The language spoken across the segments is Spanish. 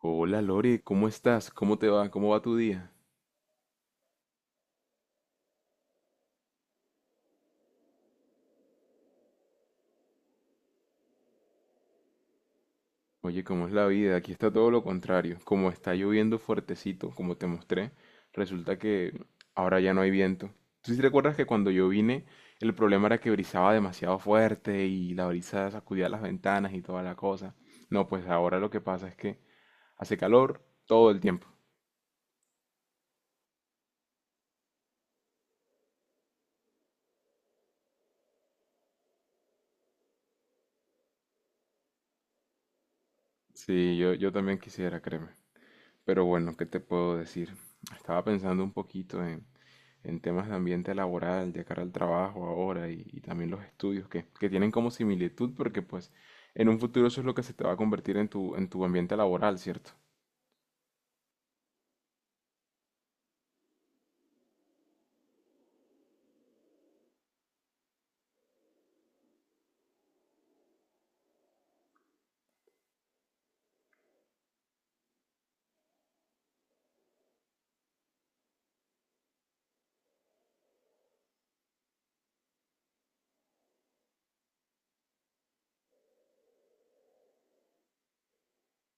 Hola Lore, ¿cómo estás? ¿Cómo te va? ¿Cómo va tu día? Oye, ¿cómo es la vida? Aquí está todo lo contrario. Como está lloviendo fuertecito, como te mostré, resulta que ahora ya no hay viento. ¿Tú sí te recuerdas que cuando yo vine, el problema era que brisaba demasiado fuerte y la brisa sacudía las ventanas y toda la cosa? No, pues ahora lo que pasa es que hace calor todo el tiempo. Sí, yo también quisiera, créeme. Pero bueno, ¿qué te puedo decir? Estaba pensando un poquito en temas de ambiente laboral, de cara al trabajo ahora y también los estudios que tienen como similitud porque pues en un futuro eso es lo que se te va a convertir en tu ambiente laboral, ¿cierto?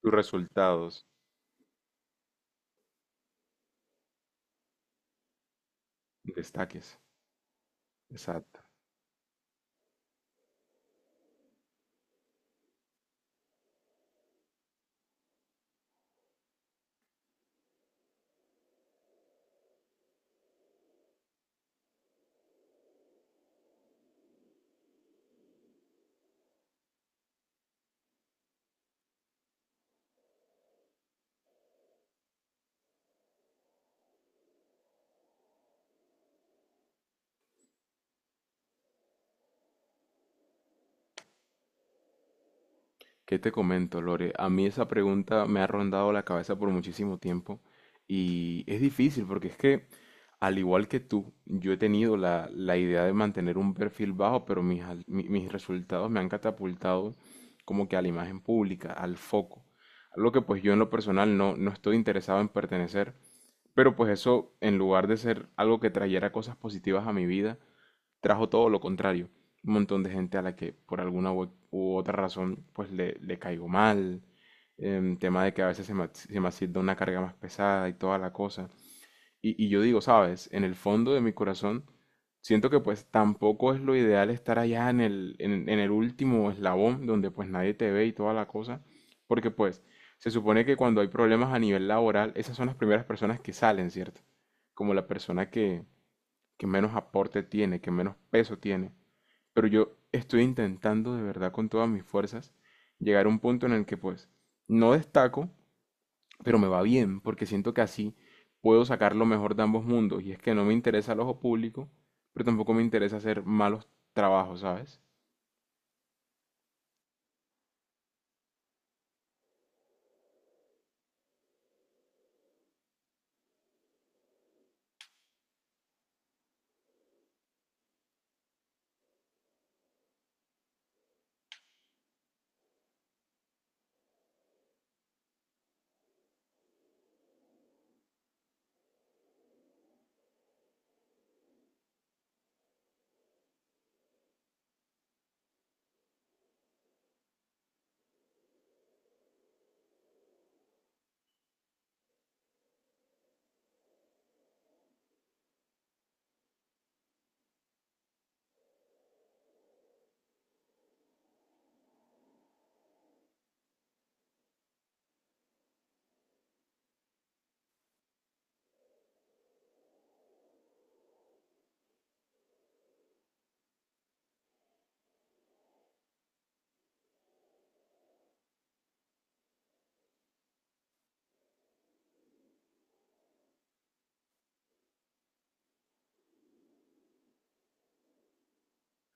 Tus resultados, destaques. Exacto. ¿Qué te comento, Lore? A mí esa pregunta me ha rondado la cabeza por muchísimo tiempo y es difícil porque es que, al igual que tú, yo he tenido la idea de mantener un perfil bajo, pero mis resultados me han catapultado como que a la imagen pública, al foco. Algo que pues yo en lo personal no estoy interesado en pertenecer, pero pues eso, en lugar de ser algo que trayera cosas positivas a mi vida, trajo todo lo contrario. Un montón de gente a la que por alguna u otra razón pues le caigo mal. Tema de que a veces se me asienta una carga más pesada y toda la cosa. Y yo digo, sabes, en el fondo de mi corazón siento que pues tampoco es lo ideal estar allá en el último eslabón donde pues nadie te ve y toda la cosa. Porque pues se supone que cuando hay problemas a nivel laboral, esas son las primeras personas que salen, ¿cierto? Como la persona que menos aporte tiene, que menos peso tiene. Pero yo estoy intentando de verdad con todas mis fuerzas llegar a un punto en el que pues no destaco, pero me va bien, porque siento que así puedo sacar lo mejor de ambos mundos. Y es que no me interesa el ojo público, pero tampoco me interesa hacer malos trabajos, ¿sabes?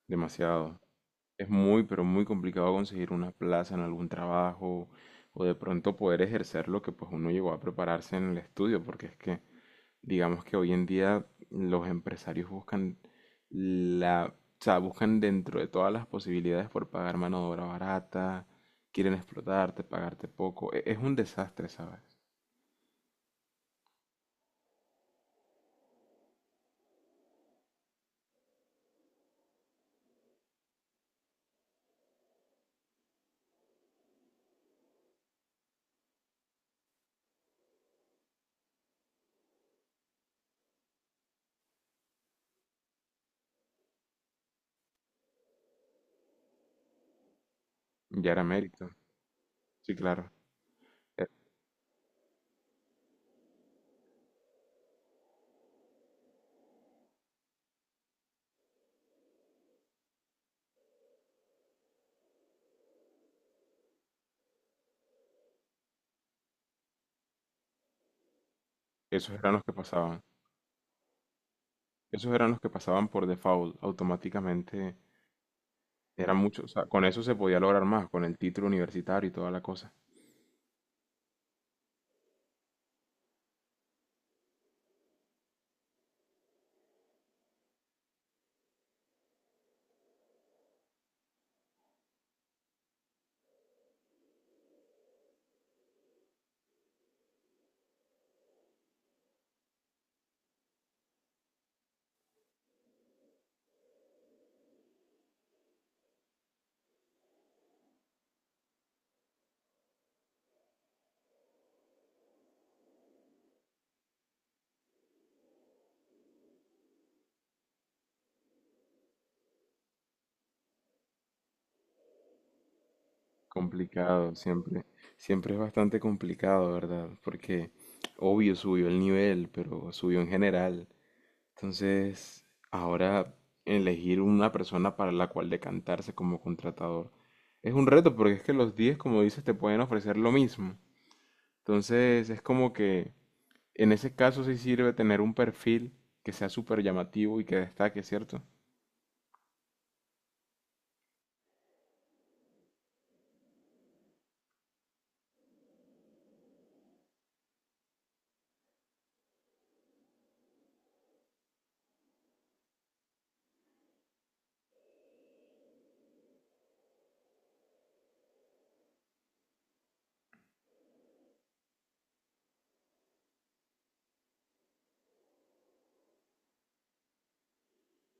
Demasiado. Es muy, pero muy complicado conseguir una plaza en algún trabajo o de pronto poder ejercer lo que pues uno llegó a prepararse en el estudio, porque es que digamos que hoy en día los empresarios buscan la, o sea, buscan dentro de todas las posibilidades por pagar mano de obra barata, quieren explotarte, pagarte poco. Es un desastre, ¿sabes? Ya era mérito. Sí, claro. E- Esos eran los que pasaban. Esos eran los que pasaban por default, automáticamente. Eran muchos. O sea, con eso se podía lograr más, con el título universitario y toda la cosa. Complicado, siempre es bastante complicado, ¿verdad? Porque obvio subió el nivel, pero subió en general. Entonces, ahora elegir una persona para la cual decantarse como contratador es un reto, porque es que los 10 como dices, te pueden ofrecer lo mismo. Entonces, es como que en ese caso sí sirve tener un perfil que sea súper llamativo y que destaque, ¿cierto?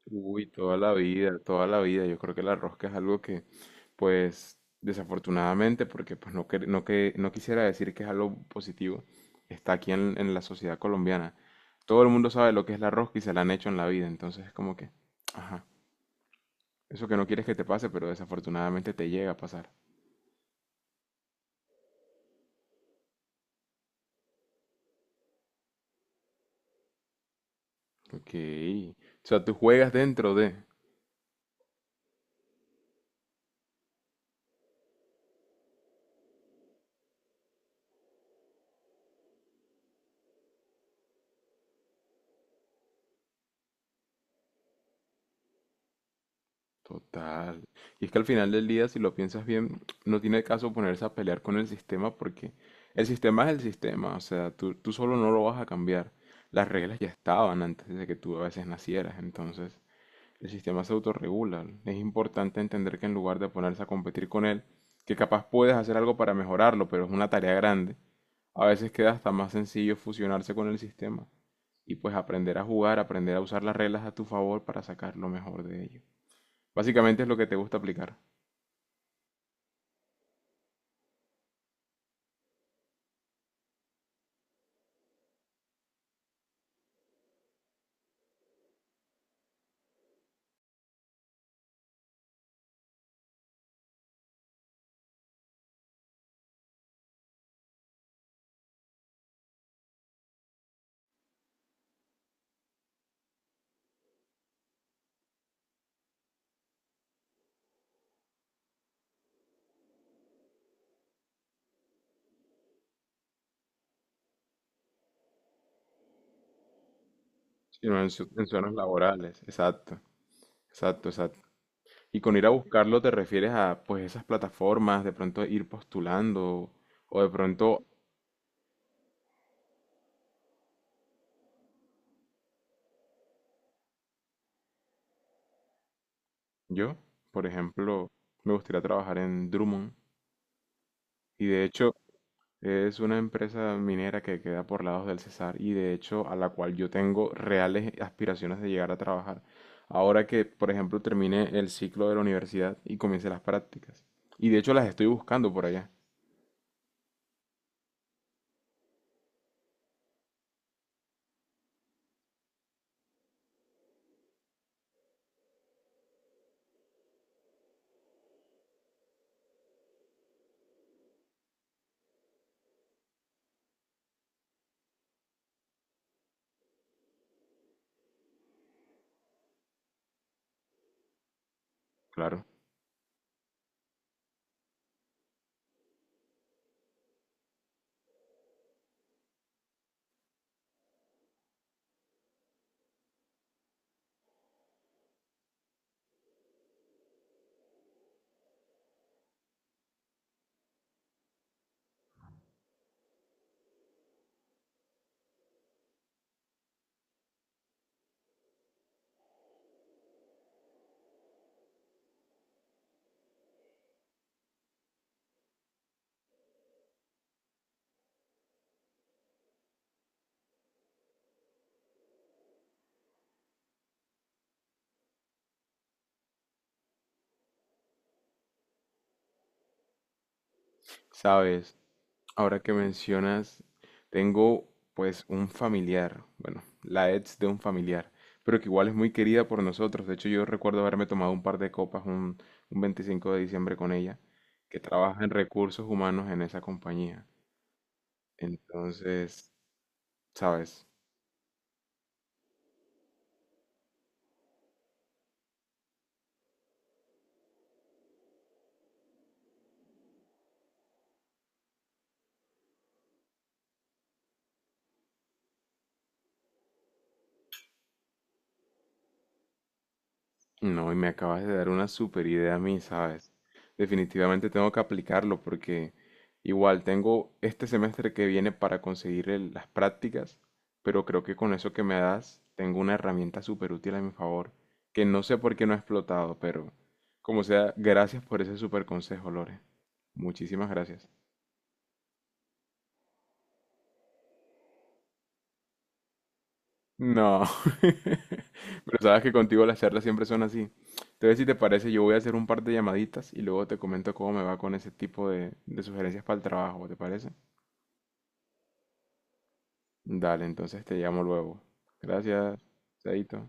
Uy, toda la vida, toda la vida. Yo creo que la rosca es algo que, pues, desafortunadamente, porque pues no quisiera decir que es algo positivo, está aquí en la sociedad colombiana. Todo el mundo sabe lo que es la rosca y se la han hecho en la vida, entonces es como que, ajá, eso que no quieres que te pase, pero desafortunadamente te llega a pasar. Ok, o sea, tú juegas dentro de... Total. Y es que al final del día, si lo piensas bien, no tiene caso ponerse a pelear con el sistema porque el sistema es el sistema, o sea, tú solo no lo vas a cambiar. Las reglas ya estaban antes de que tú a veces nacieras, entonces el sistema se autorregula. Es importante entender que en lugar de ponerse a competir con él, que capaz puedes hacer algo para mejorarlo, pero es una tarea grande, a veces queda hasta más sencillo fusionarse con el sistema y pues aprender a jugar, aprender a usar las reglas a tu favor para sacar lo mejor de ello. Básicamente es lo que te gusta aplicar, sino en zonas laborales. Exacto, exacto, exacto. Y con ir a buscarlo te refieres a pues esas plataformas, de pronto ir postulando o de pronto yo, por ejemplo, me gustaría trabajar en Drummond y de hecho es una empresa minera que queda por lados del Cesar y de hecho a la cual yo tengo reales aspiraciones de llegar a trabajar. Ahora que, por ejemplo, termine el ciclo de la universidad y comience las prácticas. Y de hecho las estoy buscando por allá. Claro. Sabes, ahora que mencionas, tengo pues un familiar, bueno, la ex de un familiar, pero que igual es muy querida por nosotros. De hecho, yo recuerdo haberme tomado un par de copas un 25 de diciembre con ella, que trabaja en recursos humanos en esa compañía. Entonces, sabes, no, y me acabas de dar una super idea a mí, ¿sabes? Definitivamente tengo que aplicarlo porque igual tengo este semestre que viene para conseguir las prácticas, pero creo que con eso que me das tengo una herramienta súper útil a mi favor, que no sé por qué no he explotado, pero como sea, gracias por ese super consejo, Lore. Muchísimas gracias. No. Pero sabes que contigo las charlas siempre son así. Entonces, si te parece, yo voy a hacer un par de llamaditas y luego te comento cómo me va con ese tipo de sugerencias para el trabajo, ¿te parece? Dale, entonces te llamo luego. Gracias, chaito.